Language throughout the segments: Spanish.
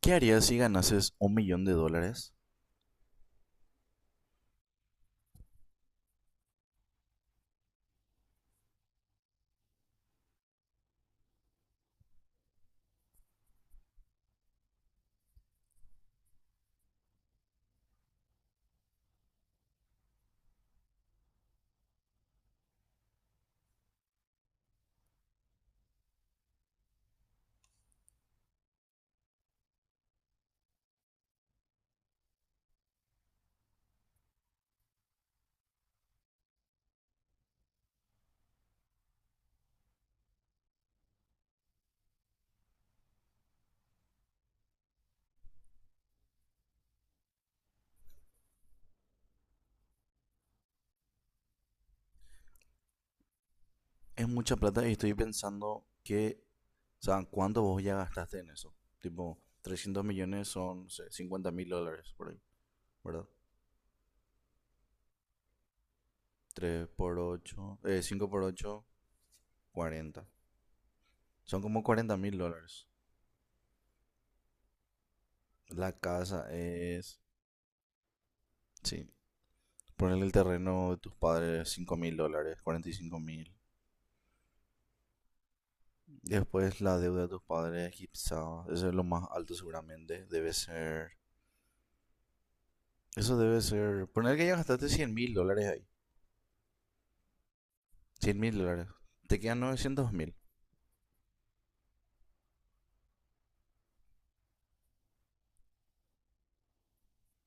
¿Qué harías si ganases $1,000,000? Es mucha plata y estoy pensando que, o sea, ¿cuánto vos ya gastaste en eso? Tipo, 300 millones son, no sé, 50 mil dólares por ahí, ¿verdad? 3 por 8, 5 por 8, 40. Son como 40 mil dólares. La casa es, sí, ponerle el terreno de tus padres, 5 mil dólares, 45 mil. Después la deuda de tus padres, quizá, eso es lo más alto seguramente, debe ser Eso debe ser. Poner que ya gastaste 100 mil dólares ahí. Cien mil dólares. Te quedan novecientos mil.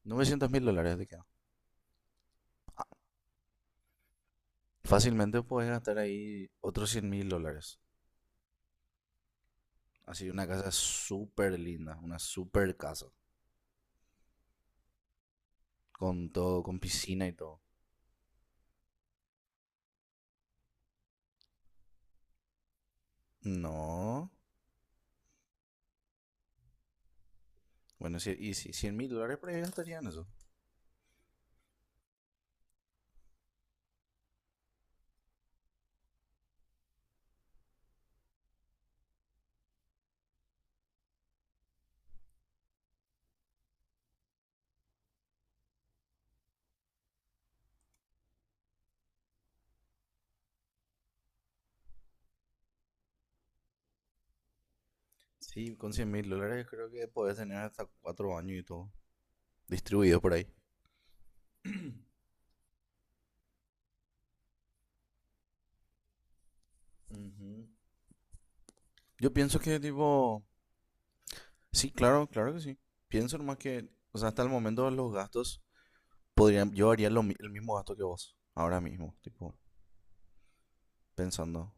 Novecientos mil dólares te quedan. Ah, fácilmente puedes gastar ahí otros 100 mil dólares. Así, una casa súper linda. Una súper casa. Con todo, con piscina y todo. No. Bueno, sí, y sí, 100 mil dólares por ahí gastarían eso. Sí, con 100 mil dólares creo que podés tener hasta cuatro años y todo. Distribuido por ahí. Ujú. Yo pienso que, tipo, sí, claro, claro que sí. Pienso nomás que, o sea, hasta el momento los gastos podrían, yo haría el mismo gasto que vos, ahora mismo, tipo, pensando.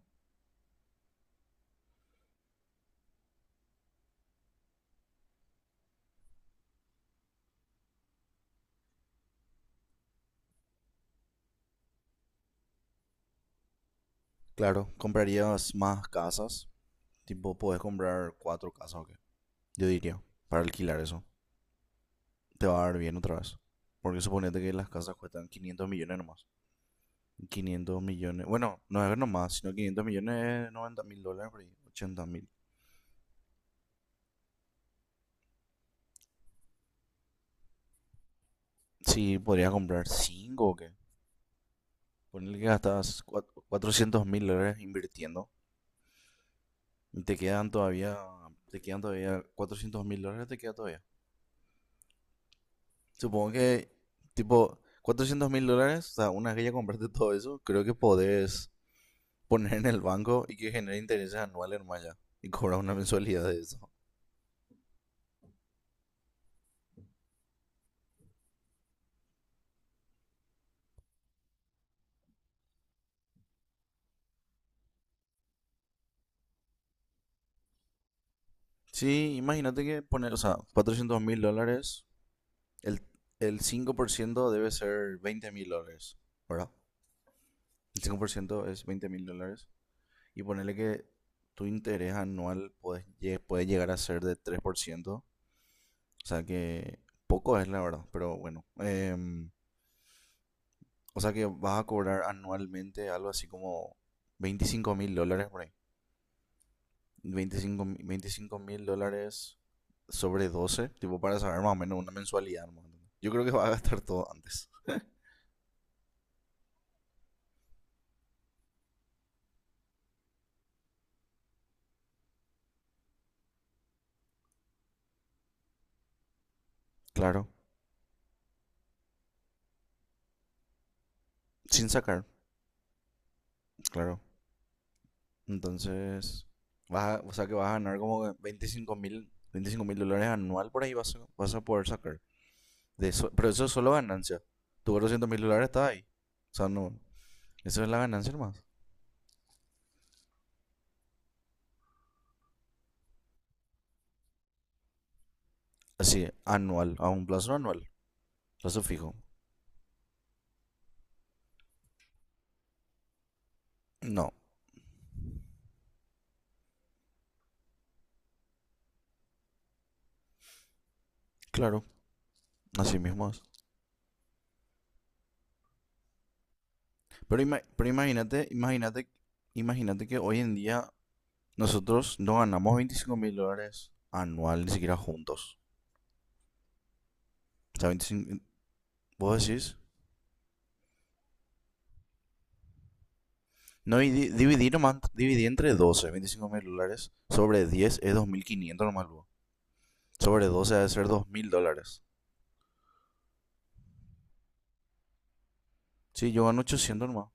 Claro, comprarías más casas, tipo, podés comprar cuatro casas o qué. Yo diría, para alquilar eso, te va a dar bien otra vez. Porque suponete que las casas cuestan 500 millones nomás. 500 millones, bueno, no es nomás, sino 500 millones 90 mil dólares, por ahí, 80 mil. Sí, podrías comprar cinco o qué. Ponle que gastas 400 mil dólares invirtiendo. Te quedan todavía, 400 mil dólares, te queda todavía. Supongo que, tipo, 400 mil dólares, o sea, una vez que ya compraste todo eso, creo que podés poner en el banco y que genere intereses anuales nomás ya. Y cobrar una mensualidad de eso. Sí, imagínate que poner, o sea, 400 mil dólares, el, el 5% debe ser 20 mil dólares, ¿verdad? El 5% es veinte mil dólares. Y ponerle que tu interés anual puede llegar a ser de 3%. O sea que poco es la verdad, pero bueno. O sea que vas a cobrar anualmente algo así como 25 mil dólares por ahí. Veinticinco mil dólares sobre 12 tipo para saber más o menos una mensualidad. ¿No? Yo creo que vas a gastar todo antes. Claro. Sin sacar, claro. Entonces, o sea que vas a ganar como 25 mil dólares anual por ahí vas a, poder sacar. De eso, pero eso es solo ganancia. Tu 200 mil dólares está ahí. O sea, no. Eso es la ganancia más. Así, anual, a un plazo anual. Plazo fijo. No, claro, así mismo es. Pero imagínate que hoy en día nosotros no ganamos 25 mil dólares anual, ni siquiera juntos. O sea, 25 vos decís, no, y dividí nomás, dividí entre 12 25 mil dólares, sobre 10 es 2.500 nomás luego. Sobre 12 debe ser dos mil dólares. Sí, yo gano 800 nomás.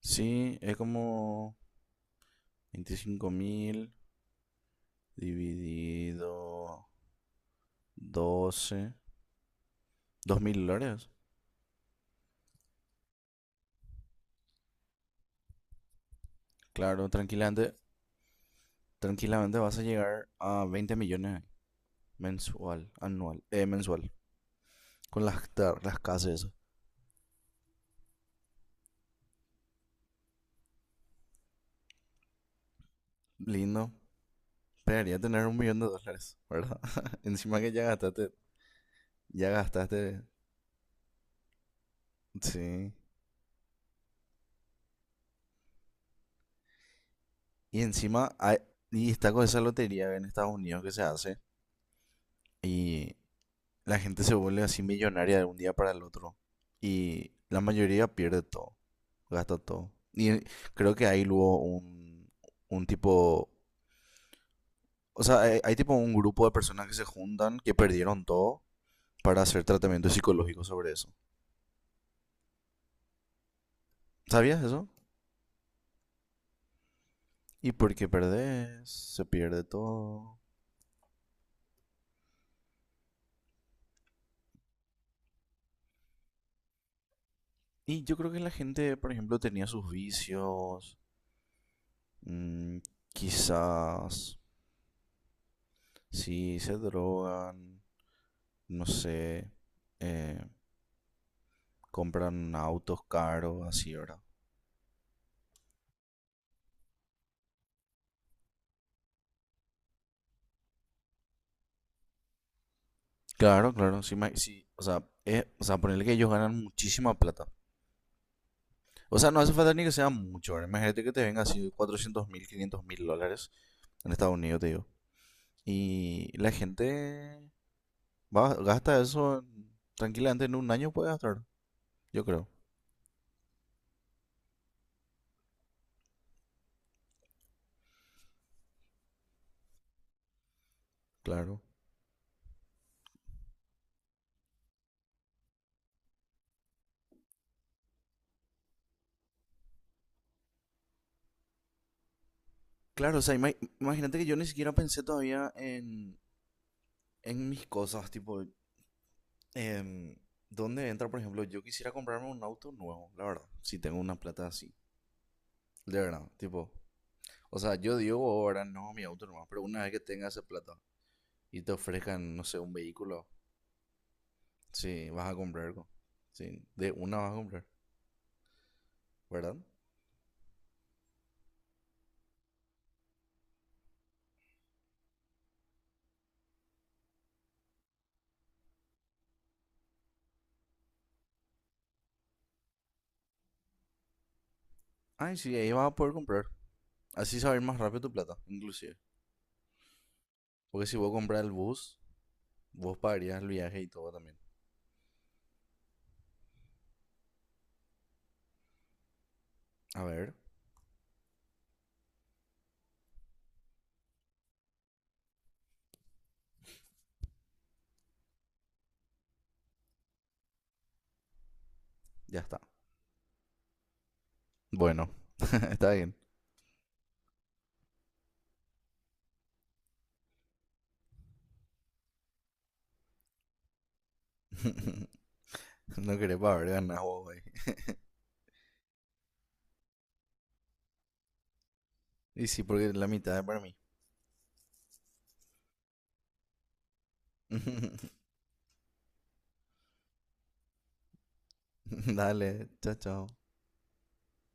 Sí, es como 25.000 dividido doce, dos mil dólares. Claro, tranquilamente vas a llegar a veinte millones mensual, anual, mensual. Con las casas, y eso. Lindo. Esperaría tener un millón de dólares, ¿verdad? Encima que ya gastaste, sí. Y encima, y está con esa lotería en Estados Unidos que se hace. Y la gente se vuelve así millonaria de un día para el otro. Y la mayoría pierde todo, gasta todo. Y creo que hay luego un tipo, o sea, hay tipo un grupo de personas que se juntan, que perdieron todo, para hacer tratamiento psicológico sobre eso. ¿Sabías eso? Y porque perdés, se pierde todo. Y yo creo que la gente, por ejemplo, tenía sus vicios, mm, quizás, sí, se drogan, no sé, eh, compran autos caros, así, ¿verdad? Claro, claro, sí, o sea, es, o sea, ponerle que ellos ganan muchísima plata. O sea, no hace falta ni que sea mucho, ¿verdad? Imagínate que te venga así 400 mil, 500 mil dólares en Estados Unidos, te digo. Y la gente va, gasta eso tranquilamente en un año, puede gastar, yo creo. Claro. Claro, o sea, imagínate que yo ni siquiera pensé todavía en, mis cosas, tipo, em, ¿dónde entra, por ejemplo? Yo quisiera comprarme un auto nuevo, la verdad, si tengo una plata así. De verdad, tipo, o sea, yo digo ahora no mi auto nomás, pero una vez que tengas esa plata y te ofrezcan, no sé, un vehículo, sí, vas a comprar, sí, de una vas a comprar, ¿verdad? Ay, sí, ahí vas a poder comprar. Así saber más rápido tu plata, inclusive. Porque si vos compras el bus, vos pagarías el viaje y todo también. A ver, ya está. Bueno, está bien. No querés pagar ganas vos, güey. Y sí, porque la mitad es para mí. Dale, chao, chao.